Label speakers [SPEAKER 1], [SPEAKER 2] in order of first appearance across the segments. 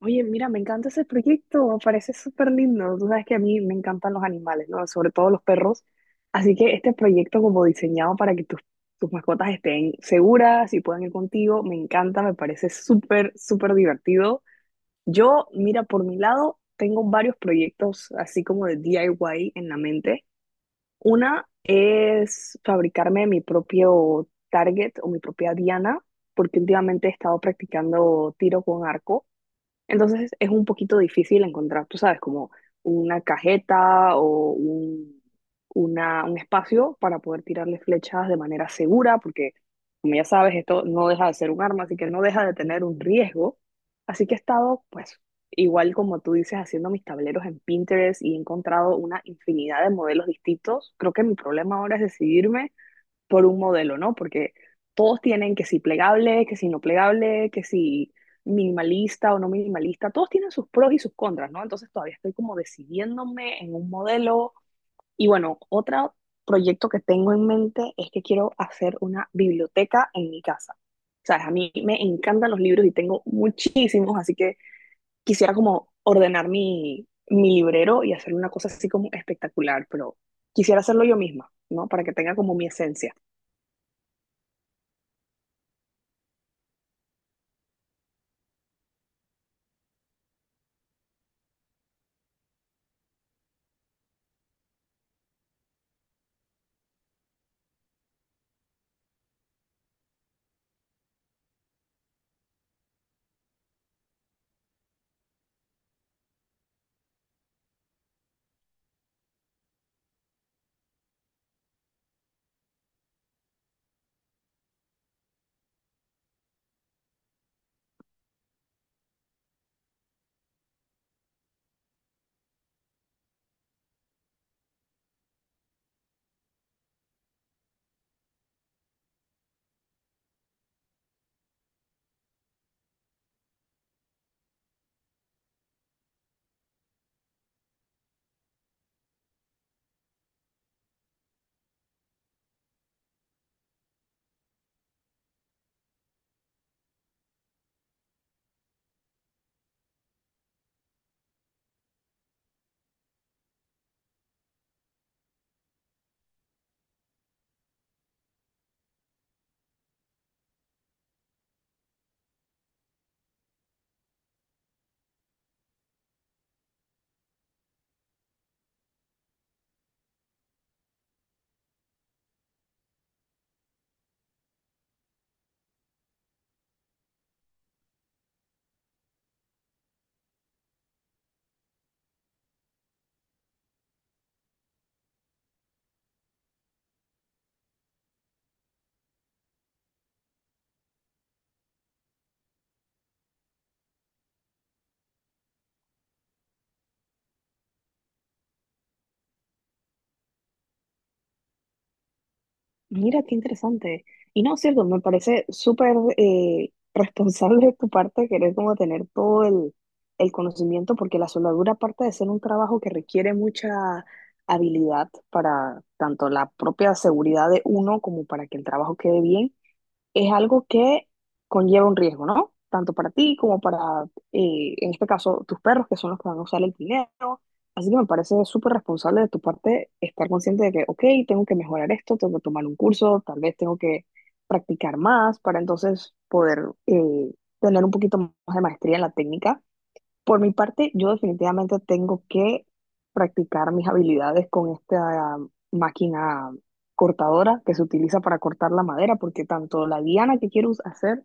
[SPEAKER 1] Oye, mira, me encanta ese proyecto, me parece súper lindo. Tú sabes que a mí me encantan los animales, ¿no? Sobre todo los perros. Así que este proyecto como diseñado para que tus mascotas estén seguras y puedan ir contigo, me encanta, me parece súper divertido. Yo, mira, por mi lado, tengo varios proyectos así como de DIY en la mente. Una es fabricarme mi propio target o mi propia diana, porque últimamente he estado practicando tiro con arco. Entonces es un poquito difícil encontrar, tú sabes, como una cajeta o un espacio para poder tirarle flechas de manera segura, porque como ya sabes, esto no deja de ser un arma, así que no deja de tener un riesgo. Así que he estado, pues, igual como tú dices, haciendo mis tableros en Pinterest y he encontrado una infinidad de modelos distintos. Creo que mi problema ahora es decidirme por un modelo, ¿no? Porque todos tienen que si plegable, que si no plegable, que si minimalista o no minimalista, todos tienen sus pros y sus contras, ¿no? Entonces todavía estoy como decidiéndome en un modelo. Y bueno, otro proyecto que tengo en mente es que quiero hacer una biblioteca en mi casa. Sabes, a mí me encantan los libros y tengo muchísimos, así que quisiera como ordenar mi librero y hacer una cosa así como espectacular, pero quisiera hacerlo yo misma, ¿no? Para que tenga como mi esencia. Mira, qué interesante. Y no, cierto, me parece súper responsable de tu parte querer como tener todo el conocimiento, porque la soldadura, aparte de ser un trabajo que requiere mucha habilidad para tanto la propia seguridad de uno como para que el trabajo quede bien, es algo que conlleva un riesgo, ¿no? Tanto para ti como para, en este caso, tus perros, que son los que van a usar el dinero. Así que me parece súper responsable de tu parte estar consciente de que, ok, tengo que mejorar esto, tengo que tomar un curso, tal vez tengo que practicar más para entonces poder eh, tener un poquito más de maestría en la técnica por mi parte. Yo definitivamente tengo que practicar mis habilidades con esta máquina cortadora que se utiliza para cortar la madera, porque tanto la diana que hacer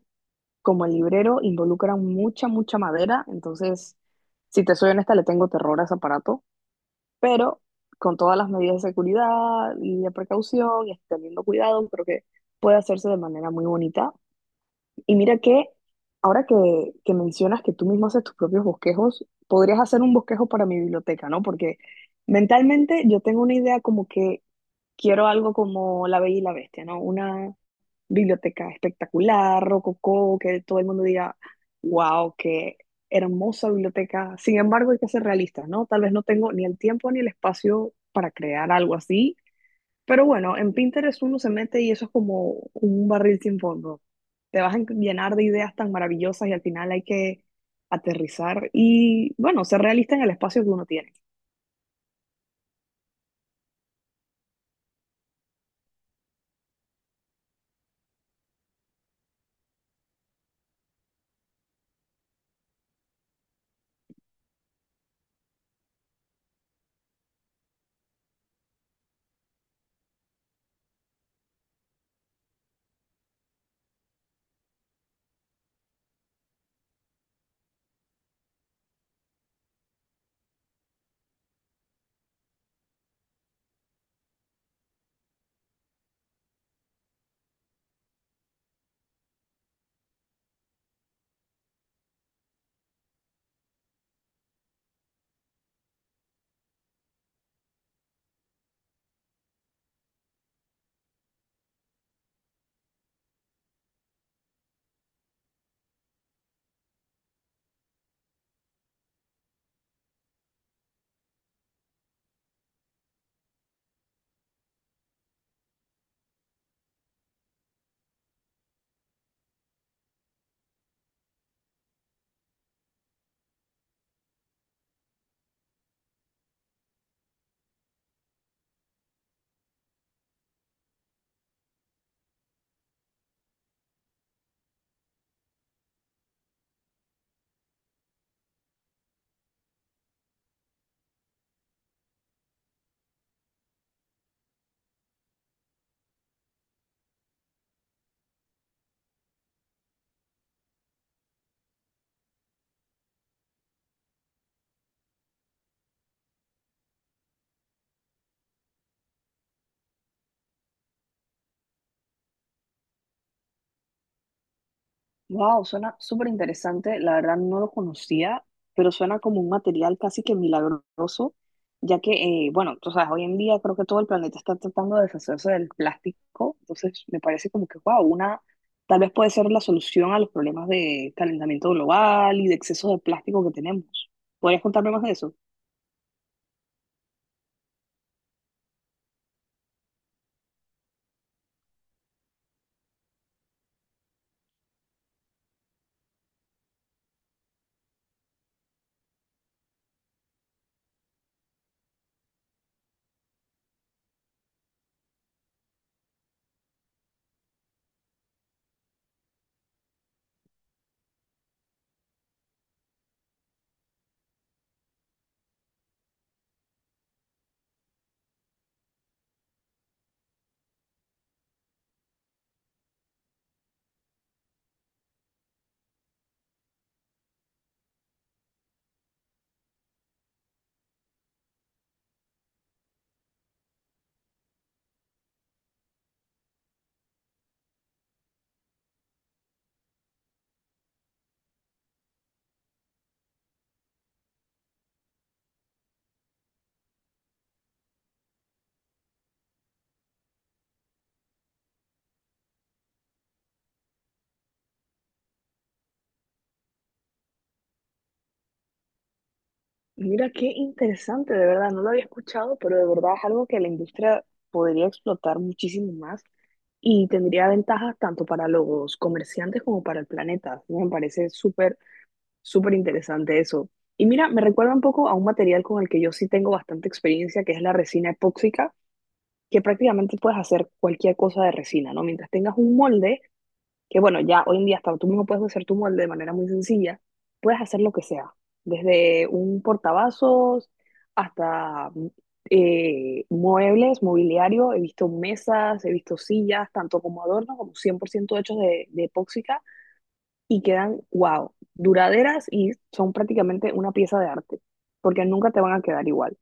[SPEAKER 1] como el librero involucran mucha madera. Entonces, si te soy honesta, le tengo terror a ese aparato, pero con todas las medidas de seguridad y de precaución y teniendo cuidado, creo que puede hacerse de manera muy bonita. Y mira que ahora que mencionas que tú mismo haces tus propios bosquejos, podrías hacer un bosquejo para mi biblioteca, ¿no? Porque mentalmente yo tengo una idea como que quiero algo como La Bella y la Bestia, ¿no? Una biblioteca espectacular, rococó, que todo el mundo diga, wow, qué hermosa biblioteca. Sin embargo, hay que ser realistas, ¿no? Tal vez no tengo ni el tiempo ni el espacio para crear algo así, pero bueno, en Pinterest uno se mete y eso es como un barril sin fondo. Te vas a llenar de ideas tan maravillosas y al final hay que aterrizar y, bueno, ser realista en el espacio que uno tiene. Wow, suena súper interesante. La verdad no lo conocía, pero suena como un material casi que milagroso, ya que, bueno, tú sabes, hoy en día creo que todo el planeta está tratando de deshacerse del plástico, entonces me parece como que, wow, una, tal vez puede ser la solución a los problemas de calentamiento global y de exceso de plástico que tenemos. ¿Podrías contarme más de eso? Mira, qué interesante, de verdad, no lo había escuchado, pero de verdad es algo que la industria podría explotar muchísimo más, y tendría ventajas tanto para los comerciantes como para el planeta. Me parece súper interesante eso. Y mira, me recuerda un poco a un material con el que yo sí tengo bastante experiencia, que es la resina epóxica, que prácticamente puedes hacer cualquier cosa de resina, ¿no? Mientras tengas un molde, que bueno, ya hoy en día hasta tú mismo puedes hacer tu molde de manera muy sencilla, puedes hacer lo que sea, desde un portavasos hasta muebles, mobiliario, he visto mesas, he visto sillas, tanto como adornos como 100% hechos de epóxica y quedan, wow, duraderas y son prácticamente una pieza de arte, porque nunca te van a quedar igual.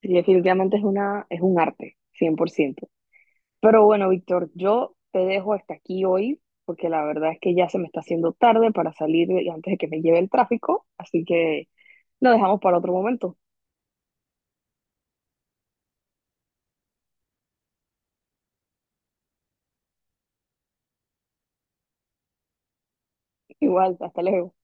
[SPEAKER 1] Y definitivamente es una, es un arte, cien por ciento. Pero bueno, Víctor, yo te dejo hasta aquí hoy, porque la verdad es que ya se me está haciendo tarde para salir antes de que me lleve el tráfico, así que lo dejamos para otro momento. Igual, hasta luego.